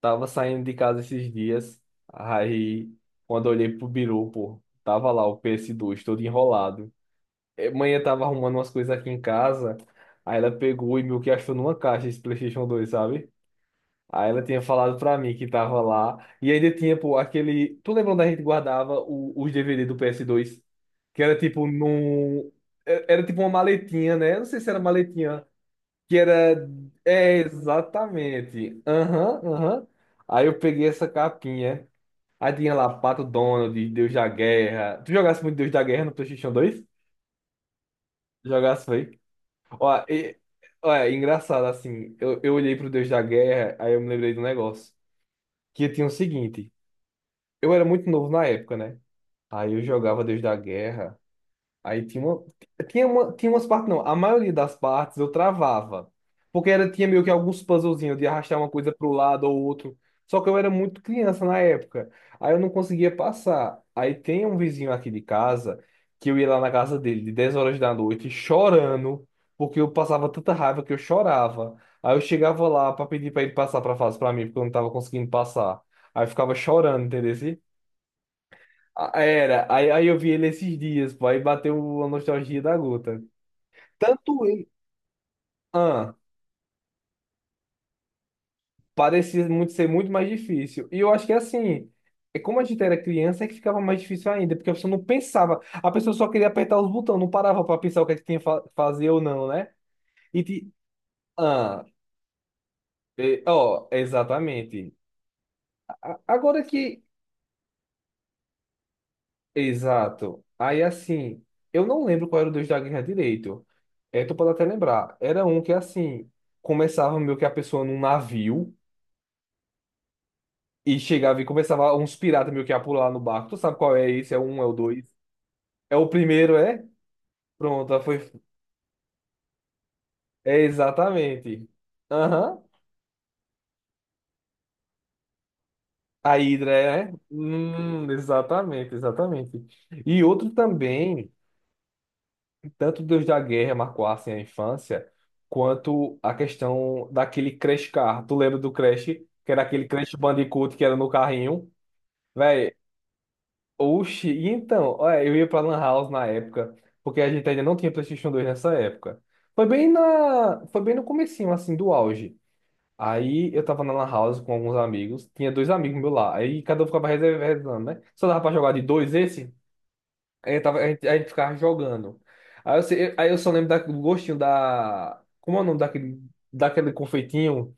Tava saindo de casa esses dias, aí quando eu olhei pro biru, pô, tava lá o PS2 todo enrolado. Manhã tava arrumando umas coisas aqui em casa, aí ela pegou e meio que achou numa caixa esse PlayStation dois, sabe? Aí ela tinha falado pra mim que tava lá, e ainda tinha, pô, aquele. Tu lembra onde a gente guardava os DVD do PS2? Que era tipo num. Era tipo uma maletinha, né? Eu não sei se era maletinha, que era. É, exatamente. Aham, aham. Aí eu peguei essa capinha. Aí tinha lá Pato Donald, Deus da Guerra. Tu jogasse muito Deus da Guerra no PlayStation dois? Jogasse, foi? Ó, e, ó, é engraçado assim. Eu olhei pro Deus da Guerra, aí eu me lembrei do negócio. Que tinha o seguinte: eu era muito novo na época, né? Aí eu jogava Deus da Guerra. Aí tinha umas partes, não. A maioria das partes eu travava. Porque tinha meio que alguns puzzlezinhos de arrastar uma coisa para o lado ou outro. Só que eu era muito criança na época. Aí eu não conseguia passar. Aí tem um vizinho aqui de casa que eu ia lá na casa dele de 10 horas da noite chorando, porque eu passava tanta raiva que eu chorava. Aí eu chegava lá para pedir para ele passar para fase para mim, porque eu não tava conseguindo passar. Aí eu ficava chorando, entendeu? Ah, aí eu vi ele esses dias, pô, aí bateu a nostalgia da gota. Tanto ele, ah, parecia muito ser muito mais difícil. E eu acho que assim, é como a gente era criança, é que ficava mais difícil ainda, porque a pessoa não pensava, a pessoa só queria apertar os botões, não parava pra pensar o que é que tinha que fazer ou não, né? E, ti- ah, ó, exatamente. Agora que. Exato. Aí assim, eu não lembro qual era o Deus da Guerra direito. É, tu pode até lembrar. Era um que assim, começava meio que a pessoa num navio e chegava e começava uns piratas meio que a pular no barco. Tu sabe qual é esse? É o um, é o dois. É o primeiro, é? Pronto, aí foi. É, exatamente. Aham. A Hidra é? Exatamente, exatamente. E outro também. Tanto Deus da Guerra marcassem a infância, quanto a questão daquele Crash Car. Tu lembra do Crash? Que era aquele Crash Bandicoot que era no carrinho? Véi, oxi, e então, olha, eu ia pra Lan House na época, porque a gente ainda não tinha PlayStation 2 nessa época. Foi bem no comecinho, assim, do auge. Aí eu tava na Lan House com alguns amigos, tinha dois amigos meus lá, aí cada um ficava reservando, né? Só dava pra jogar de dois esse? Aí a gente ficava jogando. Aí eu só lembro do gostinho da. Como é o nome daquele, confeitinho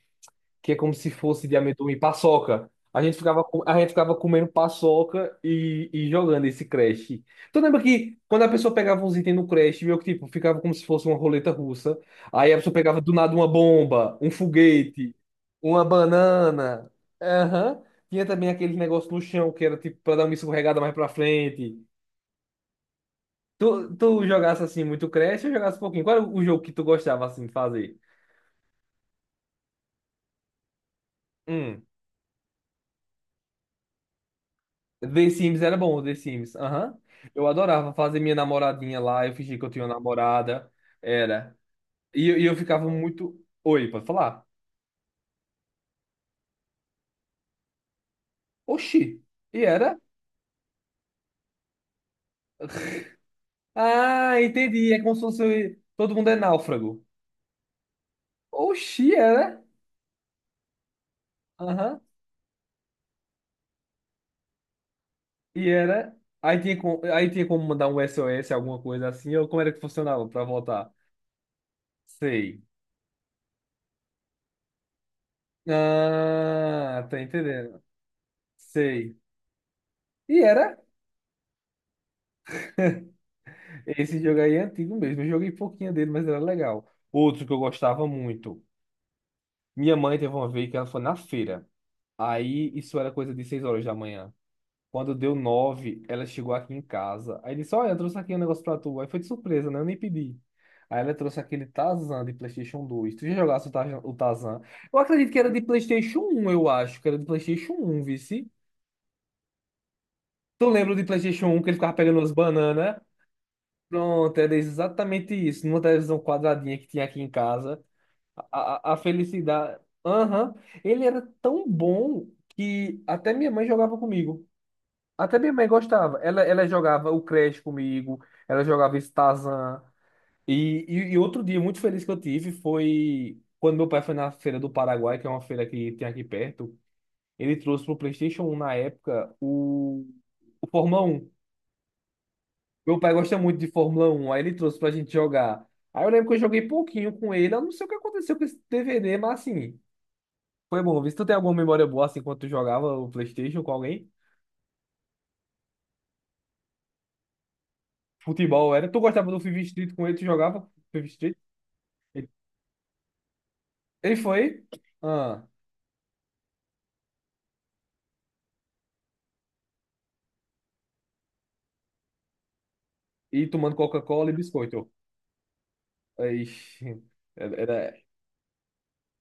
que é como se fosse de amendoim, paçoca. A gente ficava comendo paçoca e jogando esse Crash. Tu lembra que quando a pessoa pegava uns itens no Crash, meio que tipo, ficava como se fosse uma roleta russa. Aí a pessoa pegava do nada uma bomba, um foguete, uma banana. Aham. Tinha também aquele negócio no chão que era tipo pra dar uma escorregada mais pra frente. Tu jogasse assim muito Crash ou jogasse um pouquinho? Qual era o jogo que tu gostava assim de fazer? Hum. The Sims era bom, The Sims. Aham. Eu adorava fazer minha namoradinha lá, eu fingia que eu tinha uma namorada. Era. E eu ficava muito. Oi, pode falar? Oxi. E era? Ah, entendi. É como se fosse. Todo mundo é náufrago. Oxi, era? Aham. E era. Aí tinha como mandar um SOS, alguma coisa assim, ou como era que funcionava pra voltar? Sei. Ah, tô entendendo. Sei. E era. Esse jogo aí é antigo mesmo. Eu joguei pouquinho dele, mas era legal. Outro que eu gostava muito. Minha mãe teve uma vez que ela foi na feira. Aí isso era coisa de 6 horas da manhã. Quando deu 9 ela chegou aqui em casa. Aí disse: olha, eu trouxe aqui um negócio pra tu. Aí foi de surpresa, né? Eu nem pedi. Aí ela trouxe aquele Tarzan de PlayStation dois. Tu já jogasse o Tarzan? O Tarzan? Eu acredito que era de PlayStation um, eu acho. Que era de PlayStation 1, vice. Tu lembra do PlayStation um que ele ficava pegando as bananas? Pronto, era exatamente isso. Numa televisão quadradinha que tinha aqui em casa, a felicidade. Aham. Ele era tão bom que até minha mãe jogava comigo. Até minha mãe gostava. Ela jogava o Crash comigo, ela jogava esse Tarzan. E outro dia muito feliz que eu tive foi quando meu pai foi na feira do Paraguai, que é uma feira que tem aqui perto. Ele trouxe pro PlayStation 1 na época o Fórmula 1. Meu pai gosta muito de Fórmula Um, aí ele trouxe pra gente jogar. Aí eu lembro que eu joguei pouquinho com ele, eu não sei o que aconteceu com esse DVD, mas assim, foi bom. Vê se tu tem alguma memória boa assim quando tu jogava o PlayStation com alguém. Futebol era. Tu gostava do FIFA Street com ele, tu jogava FIFA Street? Ele ele foi. Ah, e tomando Coca-Cola e biscoito. Ixi, era.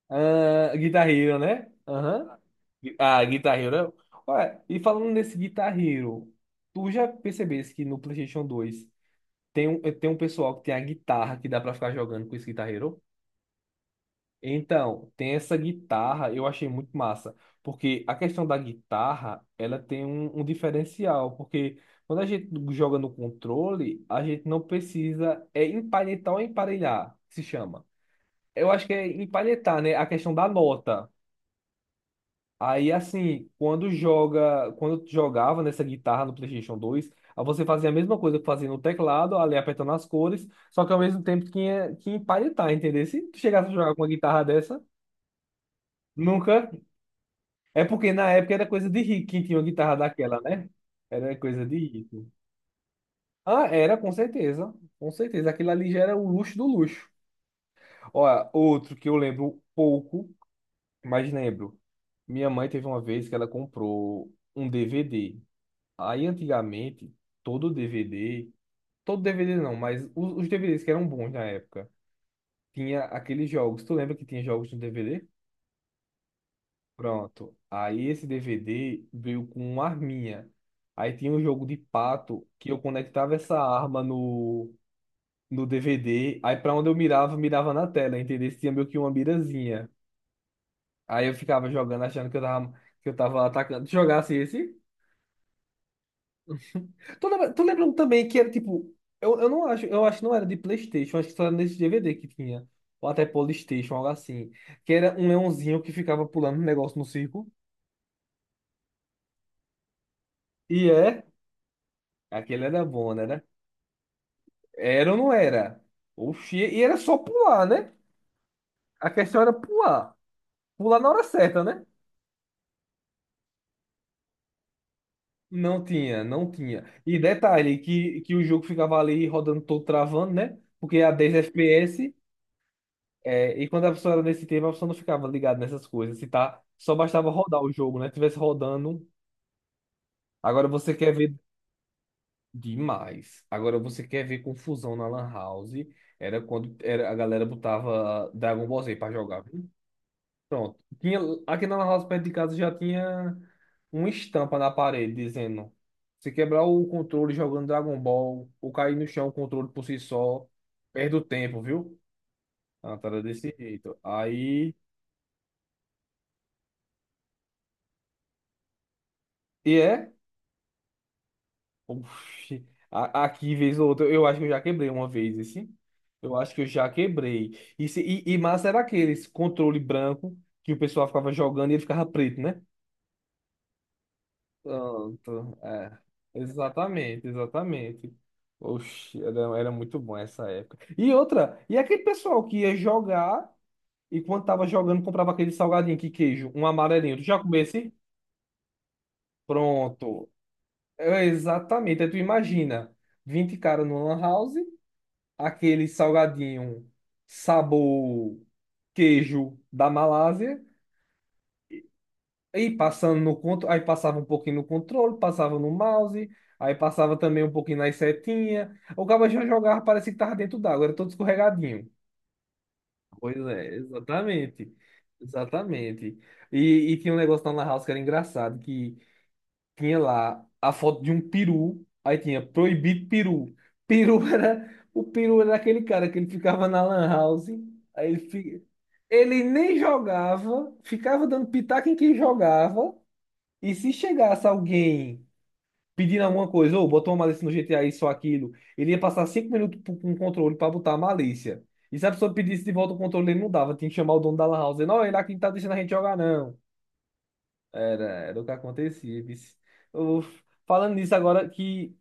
Ah, Guitar Hero, né? Aham. Ah, Guitar Hero. Ué, e falando nesse Guitar Hero, tu já percebesse que no PlayStation dois, tem um pessoal que tem a guitarra que dá pra ficar jogando com esse guitarreiro. Então, tem essa guitarra, eu achei muito massa, porque a questão da guitarra, ela tem um, diferencial, porque quando a gente joga no controle, a gente não precisa, é empalhetar ou emparelhar, que se chama. Eu acho que é empalhetar, né? A questão da nota. Aí assim, quando tu jogava nessa guitarra no PlayStation dois, aí você fazia a mesma coisa que fazia no teclado, ali apertando as cores, só que ao mesmo tempo tinha que empalhetar, entendeu? Se tu chegasse a jogar com uma guitarra dessa, nunca. É porque na época era coisa de rico quem tinha uma guitarra daquela, né? Era coisa de rico. Ah, era com certeza, com certeza. Aquilo ali já era o luxo do luxo. Olha, outro que eu lembro pouco, mas lembro. Minha mãe teve uma vez que ela comprou um DVD. Aí antigamente, todo DVD, todo DVD não, mas os DVDs que eram bons na época, tinha aqueles jogos. Tu lembra que tinha jogos no DVD? Pronto. Aí esse DVD veio com uma arminha. Aí tinha um jogo de pato que eu conectava essa arma no, DVD. Aí pra onde eu mirava, mirava na tela, entendeu? Tinha meio que uma mirazinha. Aí eu ficava jogando achando que eu tava atacando. Tu jogasse esse? Tô lembrando também que era tipo. Eu não acho, eu acho que não era de PlayStation, acho que só era nesse DVD que tinha. Ou até PlayStation, algo assim. Que era um leãozinho que ficava pulando um negócio no circo. E é. Aquele era bom, né? Era ou não era? Oxi, e era só pular, né? A questão era pular. Pular na hora certa, né? Não tinha, não tinha. E detalhe, que o jogo ficava ali rodando todo travando, né? Porque a 10 FPS. É, e quando a pessoa era nesse tempo, a pessoa não ficava ligada nessas coisas. Se tá, só bastava rodar o jogo, né? Tivesse rodando. Agora você quer ver demais. Agora você quer ver confusão na Lan House. Era quando a galera botava Dragon Ball Z pra jogar, viu? Pronto. Tinha, aqui na Lan House, perto de casa, já tinha uma estampa na parede dizendo: se quebrar o controle jogando Dragon Ball, ou cair no chão o controle por si só, perde o tempo, viu? Ah, tá, era desse jeito. Aí. E é. Oxi, aqui, vez ou outra, eu acho que eu já quebrei uma vez esse. Eu acho que eu já quebrei. E massa era esse controle branco que o pessoal ficava jogando e ele ficava preto, né? Pronto, é. Exatamente, exatamente. Oxi, era muito bom essa época. E outra, e aquele pessoal que ia jogar e quando tava jogando comprava aquele salgadinho que queijo, um amarelinho. Tu já comeu esse? Pronto. É, exatamente. Aí tu imagina, 20 caras numa lan house. Aquele salgadinho sabor queijo da Malásia. E passando no controle, aí passava um pouquinho no controle, passava no mouse, aí passava também um pouquinho nas setinhas. O cabo já jogava, parecia que tava dentro d'água, era todo escorregadinho. Pois é, exatamente. Exatamente. E tinha um negócio lá na House que era engraçado, que tinha lá a foto de um peru, aí tinha proibido peru. Peru era, o peru era aquele cara que ele ficava na lan house, aí ele nem jogava, ficava dando pitaco em quem jogava, e se chegasse alguém pedindo alguma coisa, ou botou uma malícia no GTA, isso ou aquilo, ele ia passar 5 minutos com o controle para botar a malícia. E se a pessoa pedisse de volta o controle, ele não dava, tinha que chamar o dono da lan house, não, ele aqui não tá deixando a gente jogar não. Era o que acontecia. Vice. Eu- falando nisso agora que,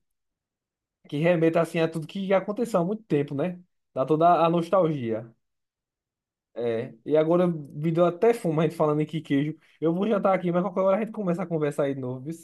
que remeta assim a tudo que aconteceu há muito tempo, né? Dá toda a nostalgia. É. E agora me deu até fome a gente falando em que queijo. Eu vou jantar aqui, mas qualquer hora a gente começa a conversar aí de novo, viu?